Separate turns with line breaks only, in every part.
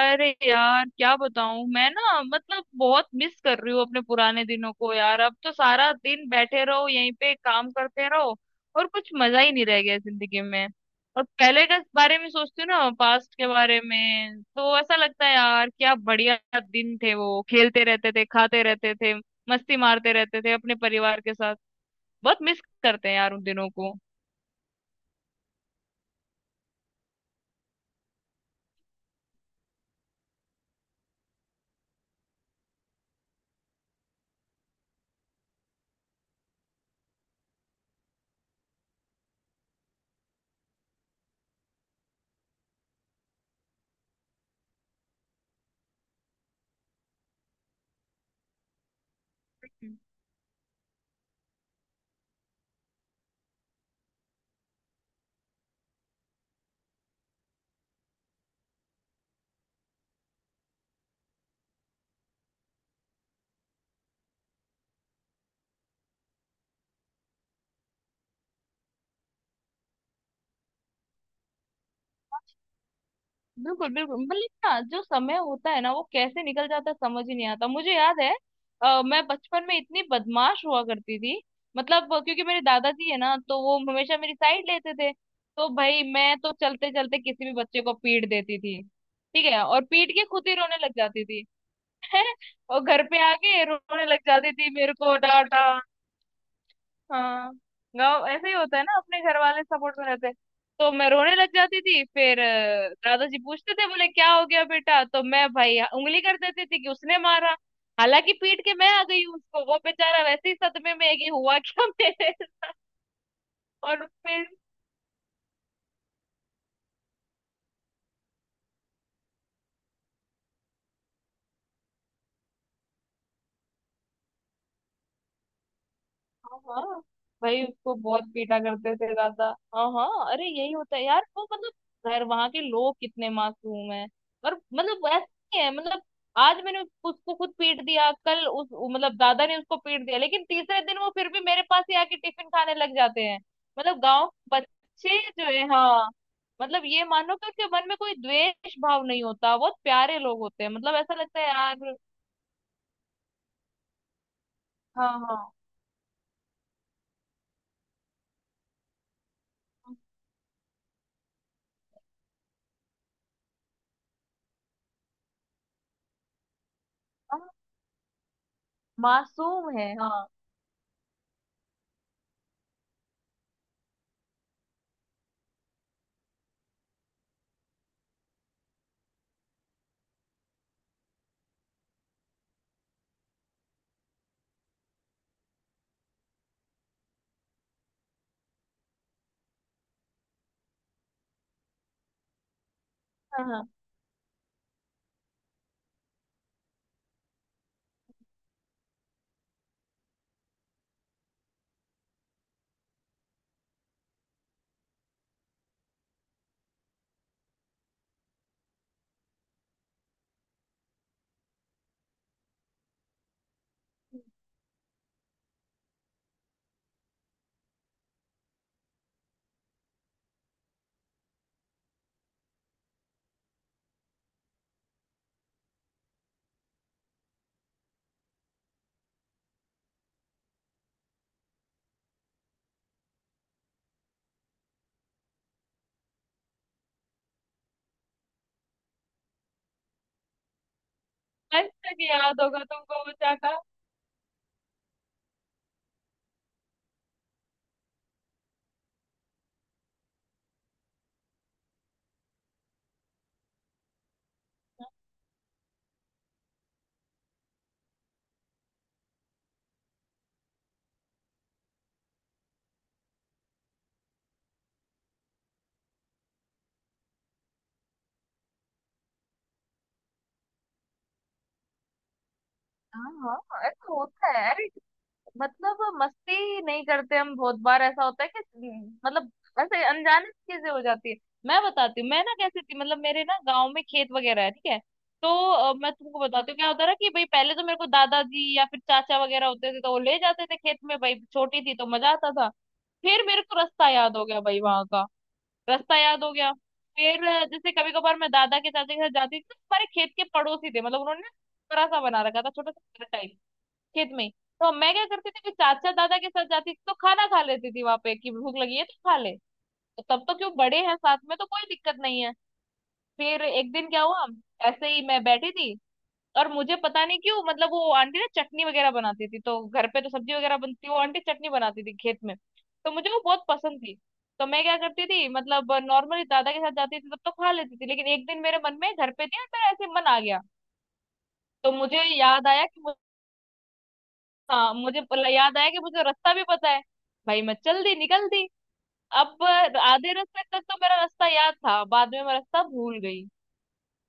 अरे यार क्या बताऊं मैं ना मतलब बहुत मिस कर रही हूँ अपने पुराने दिनों को यार। अब तो सारा दिन बैठे रहो यहीं पे काम करते रहो और कुछ मजा ही नहीं रह गया जिंदगी में। और पहले के बारे में सोचती हूँ ना पास्ट के बारे में तो ऐसा लगता है यार क्या बढ़िया दिन थे। वो खेलते रहते थे खाते रहते थे मस्ती मारते रहते थे अपने परिवार के साथ। बहुत मिस करते हैं यार उन दिनों को। बिल्कुल बिल्कुल मतलब ना जो समय होता है ना वो कैसे निकल जाता है समझ ही नहीं आता। मुझे याद है मैं बचपन में इतनी बदमाश हुआ करती थी। मतलब क्योंकि मेरे दादाजी है ना तो वो हमेशा मेरी साइड लेते थे, तो भाई मैं तो चलते चलते किसी भी बच्चे को पीट देती थी। ठीक है, और पीट के खुद ही रोने लग जाती थी। और घर पे आके रोने लग जाती थी मेरे को डांटा। हाँ। गाँव ऐसे ही होता है ना, अपने घर वाले सपोर्ट में रहते हैं। तो मैं रोने लग जाती थी फिर दादाजी पूछते थे, बोले क्या हो गया बेटा, तो मैं भाई उंगली कर देती थी कि उसने मारा। हालांकि पीट के मैं आ गई हूँ उसको, वो बेचारा वैसे ही सदमे में है कि हुआ क्या मेरे। और फिर, हाँ हाँ। भाई उसको बहुत पीटा करते थे दादा। हाँ हाँ, अरे यही होता है यार वो मतलब घर वहां के लोग कितने मासूम हैं। और मतलब ऐसा नहीं है, मतलब आज मैंने उसको खुद पीट दिया कल उस मतलब दादा ने उसको पीट दिया, लेकिन तीसरे दिन वो फिर भी मेरे पास ही आके टिफिन खाने लग जाते हैं। मतलब गांव के बच्चे जो है, हाँ, मतलब ये मानो कि उनके मन में कोई द्वेष भाव नहीं होता, बहुत प्यारे लोग होते हैं, मतलब ऐसा लगता है यार। हाँ हाँ हाँ, मासूम है, हाँ हाँ हाँ। आज तक याद होगा तुमको वो चाटा। हाँ हाँ, अरे होता है अरे। मतलब मस्ती नहीं करते, हम बहुत बार ऐसा होता है कि मतलब ऐसे अनजाने से चीजें हो जाती है। मैं बताती हूँ मैं ना कैसी थी, मतलब मेरे ना गांव में खेत वगैरह है, ठीक है। तो मैं तुमको बताती हूँ क्या होता था कि भाई पहले तो मेरे को दादाजी या फिर चाचा वगैरह होते थे तो वो ले जाते थे खेत में, भाई छोटी थी तो मजा आता था। फिर मेरे को रास्ता याद हो गया भाई वहां का, रास्ता याद हो गया। फिर जैसे कभी कभार मैं दादा के चाचा के साथ जाती थी तो हमारे खेत के पड़ोसी थे, मतलब उन्होंने ना थोड़ा सा बना रखा था, छोटा सा घर टाइप खेत में ही। तो मैं क्या करती थी कि चाचा दादा के साथ जाती थी तो खाना खा लेती थी वहां पे कि भूख लगी है तो खा ले। तो तब तो क्यों, बड़े हैं साथ में तो कोई दिक्कत नहीं है। फिर एक दिन क्या हुआ, ऐसे ही मैं बैठी थी। और मुझे पता नहीं क्यों मतलब वो आंटी ना चटनी वगैरह बनाती थी, तो घर पे तो सब्जी वगैरह बनती, वो आंटी चटनी बनाती थी खेत में। तो मुझे वो बहुत पसंद थी। तो मैं क्या करती थी, मतलब नॉर्मली दादा के साथ जाती थी तब तो खा लेती थी, लेकिन एक दिन मेरे मन में, घर पे थी और मेरा ऐसे मन आ गया। तो मुझे याद आया कि मुझे, हाँ, मुझे याद आया कि मुझे रास्ता भी पता है, भाई मैं चल दी, निकल दी। अब आधे रास्ते तक तो मेरा रास्ता याद था, बाद में मैं रास्ता भूल गई।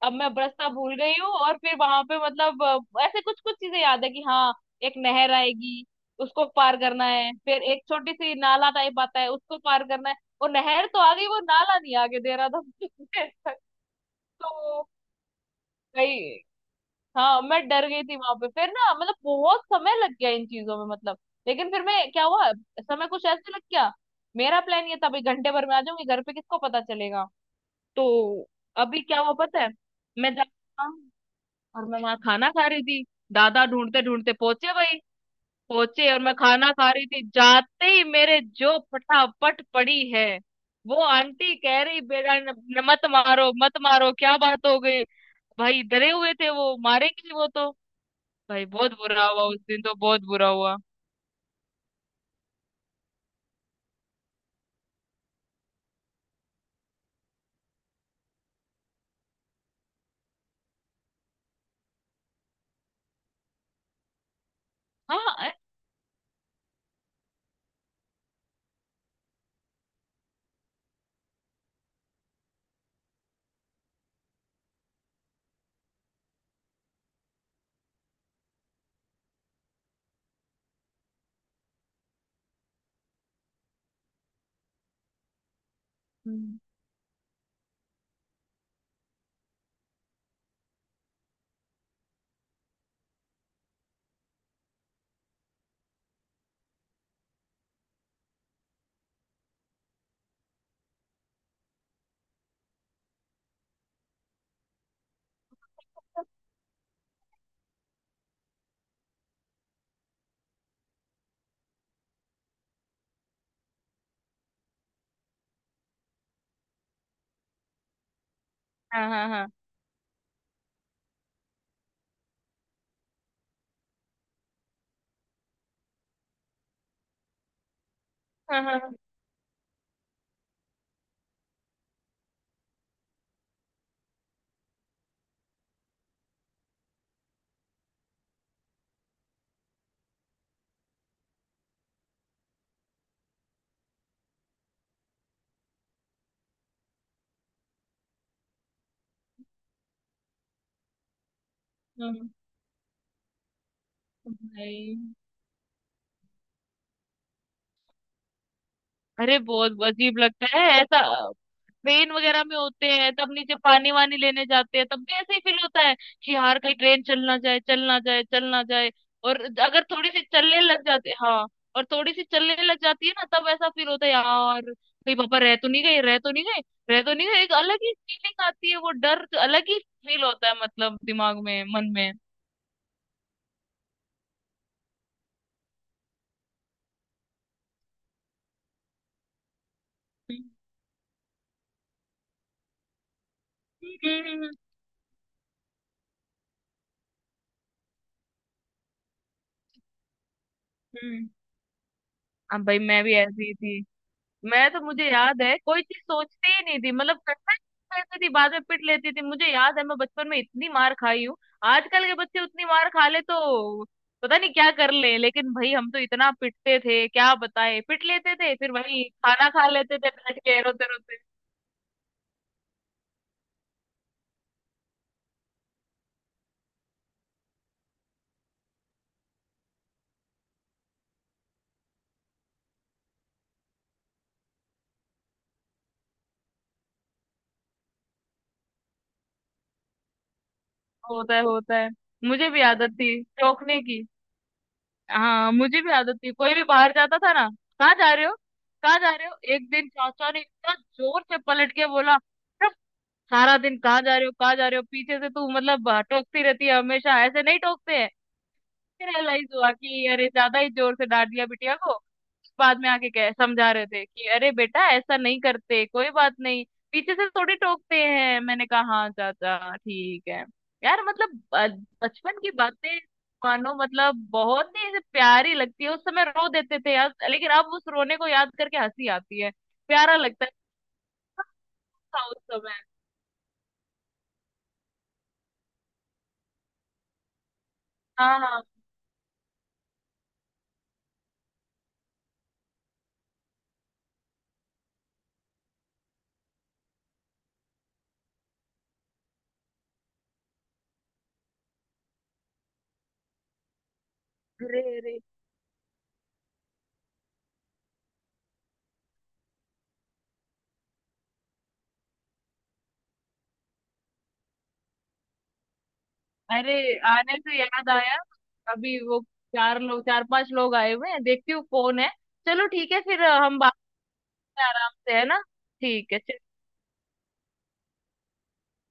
अब मैं रास्ता भूल गई हूँ, और फिर वहां पे मतलब ऐसे कुछ कुछ चीजें याद है कि हाँ एक नहर आएगी, उसको पार करना है, फिर एक छोटी सी नाला टाइप आता है, उसको पार करना है। वो नहर तो आ गई, वो नाला नहीं आगे दे रहा था मुझे। तो भाई, हाँ मैं डर गई थी वहां पे फिर ना, मतलब बहुत समय लग गया इन चीजों में, मतलब लेकिन फिर मैं, क्या हुआ, समय कुछ ऐसे लग गया। मेरा प्लान ये था भाई घंटे भर में आ जाऊंगी घर पे, किसको पता चलेगा। तो अभी क्या हुआ पता है, मैं जा, और मैं वहां खाना खा रही थी, दादा ढूंढते ढूंढते पहुंचे भाई। पहुंचे और मैं खाना खा रही थी, जाते ही मेरे जो फटाफट पड़ी है। वो आंटी कह रही बेटा न, न, मत मारो मत मारो, क्या बात हो गई। भाई डरे हुए थे, वो मारेंगे वो तो। भाई बहुत बुरा हुआ उस दिन तो, बहुत बुरा हुआ। हाँ हम्म, हाँ हाँ हाँ हाँ हाँ हाँ, भाई। अरे बहुत अजीब लगता है ऐसा। ट्रेन वगैरह में होते हैं तब नीचे पानी वानी लेने जाते हैं तब भी ऐसे ही फील होता है कि यार कहीं ट्रेन चलना जाए चलना जाए चलना जाए। और अगर थोड़ी सी चलने लग जाते, हाँ, और थोड़ी सी चलने लग जाती है ना तब ऐसा फील होता है यार। कहीं पापा रह तो नहीं गए रह तो नहीं गए रह तो नहीं गए, एक अलग ही फीलिंग आती है, वो डर अलग ही फील होता है मतलब दिमाग में, मन में। हम्म हम्म हम्म, हम्म। अब भाई मैं भी ऐसी ही थी। मैं तो, मुझे याद है कोई चीज सोचती ही नहीं थी, मतलब करता ही रहती थी, बाद में पिट लेती थी। मुझे याद है मैं बचपन में इतनी मार खाई हूँ। आजकल के बच्चे उतनी मार खा ले तो पता नहीं क्या कर ले, लेकिन भाई हम तो इतना पिटते थे क्या बताएं, पिट लेते थे फिर वही खाना खा लेते थे बैठ के रोते रोते। होता है होता है। मुझे भी आदत थी चौंकने की। हाँ, मुझे भी आदत थी, कोई भी बाहर जाता था ना, कहाँ जा रहे हो, कहाँ जा रहे हो। एक दिन चाचा ने इतना जोर से पलट के बोला, सारा दिन कहाँ जा रहे हो कहाँ जा रहे हो, पीछे से तू मतलब टोकती रहती है हमेशा, ऐसे नहीं टोकते हैं। फिर रियलाइज हुआ कि अरे ज्यादा ही जोर से डांट दिया बिटिया को। बाद में आके कह समझा रहे थे कि अरे बेटा ऐसा नहीं करते, कोई बात नहीं, पीछे से थोड़ी टोकते हैं। मैंने कहा हाँ चाचा ठीक है। यार मतलब बचपन की बातें मानो मतलब बहुत ही ऐसे प्यारी लगती है, उस समय रो देते थे यार, लेकिन अब उस रोने को याद करके हंसी आती है। प्यारा लगता है था उस समय। हाँ हाँ, अरे, अरे, अरे आने से याद आया, अभी वो चार लोग चार पांच लोग आए हुए हैं, देखती हूँ कौन है। चलो ठीक है, फिर हम बात में आराम से, है ना। ठीक है।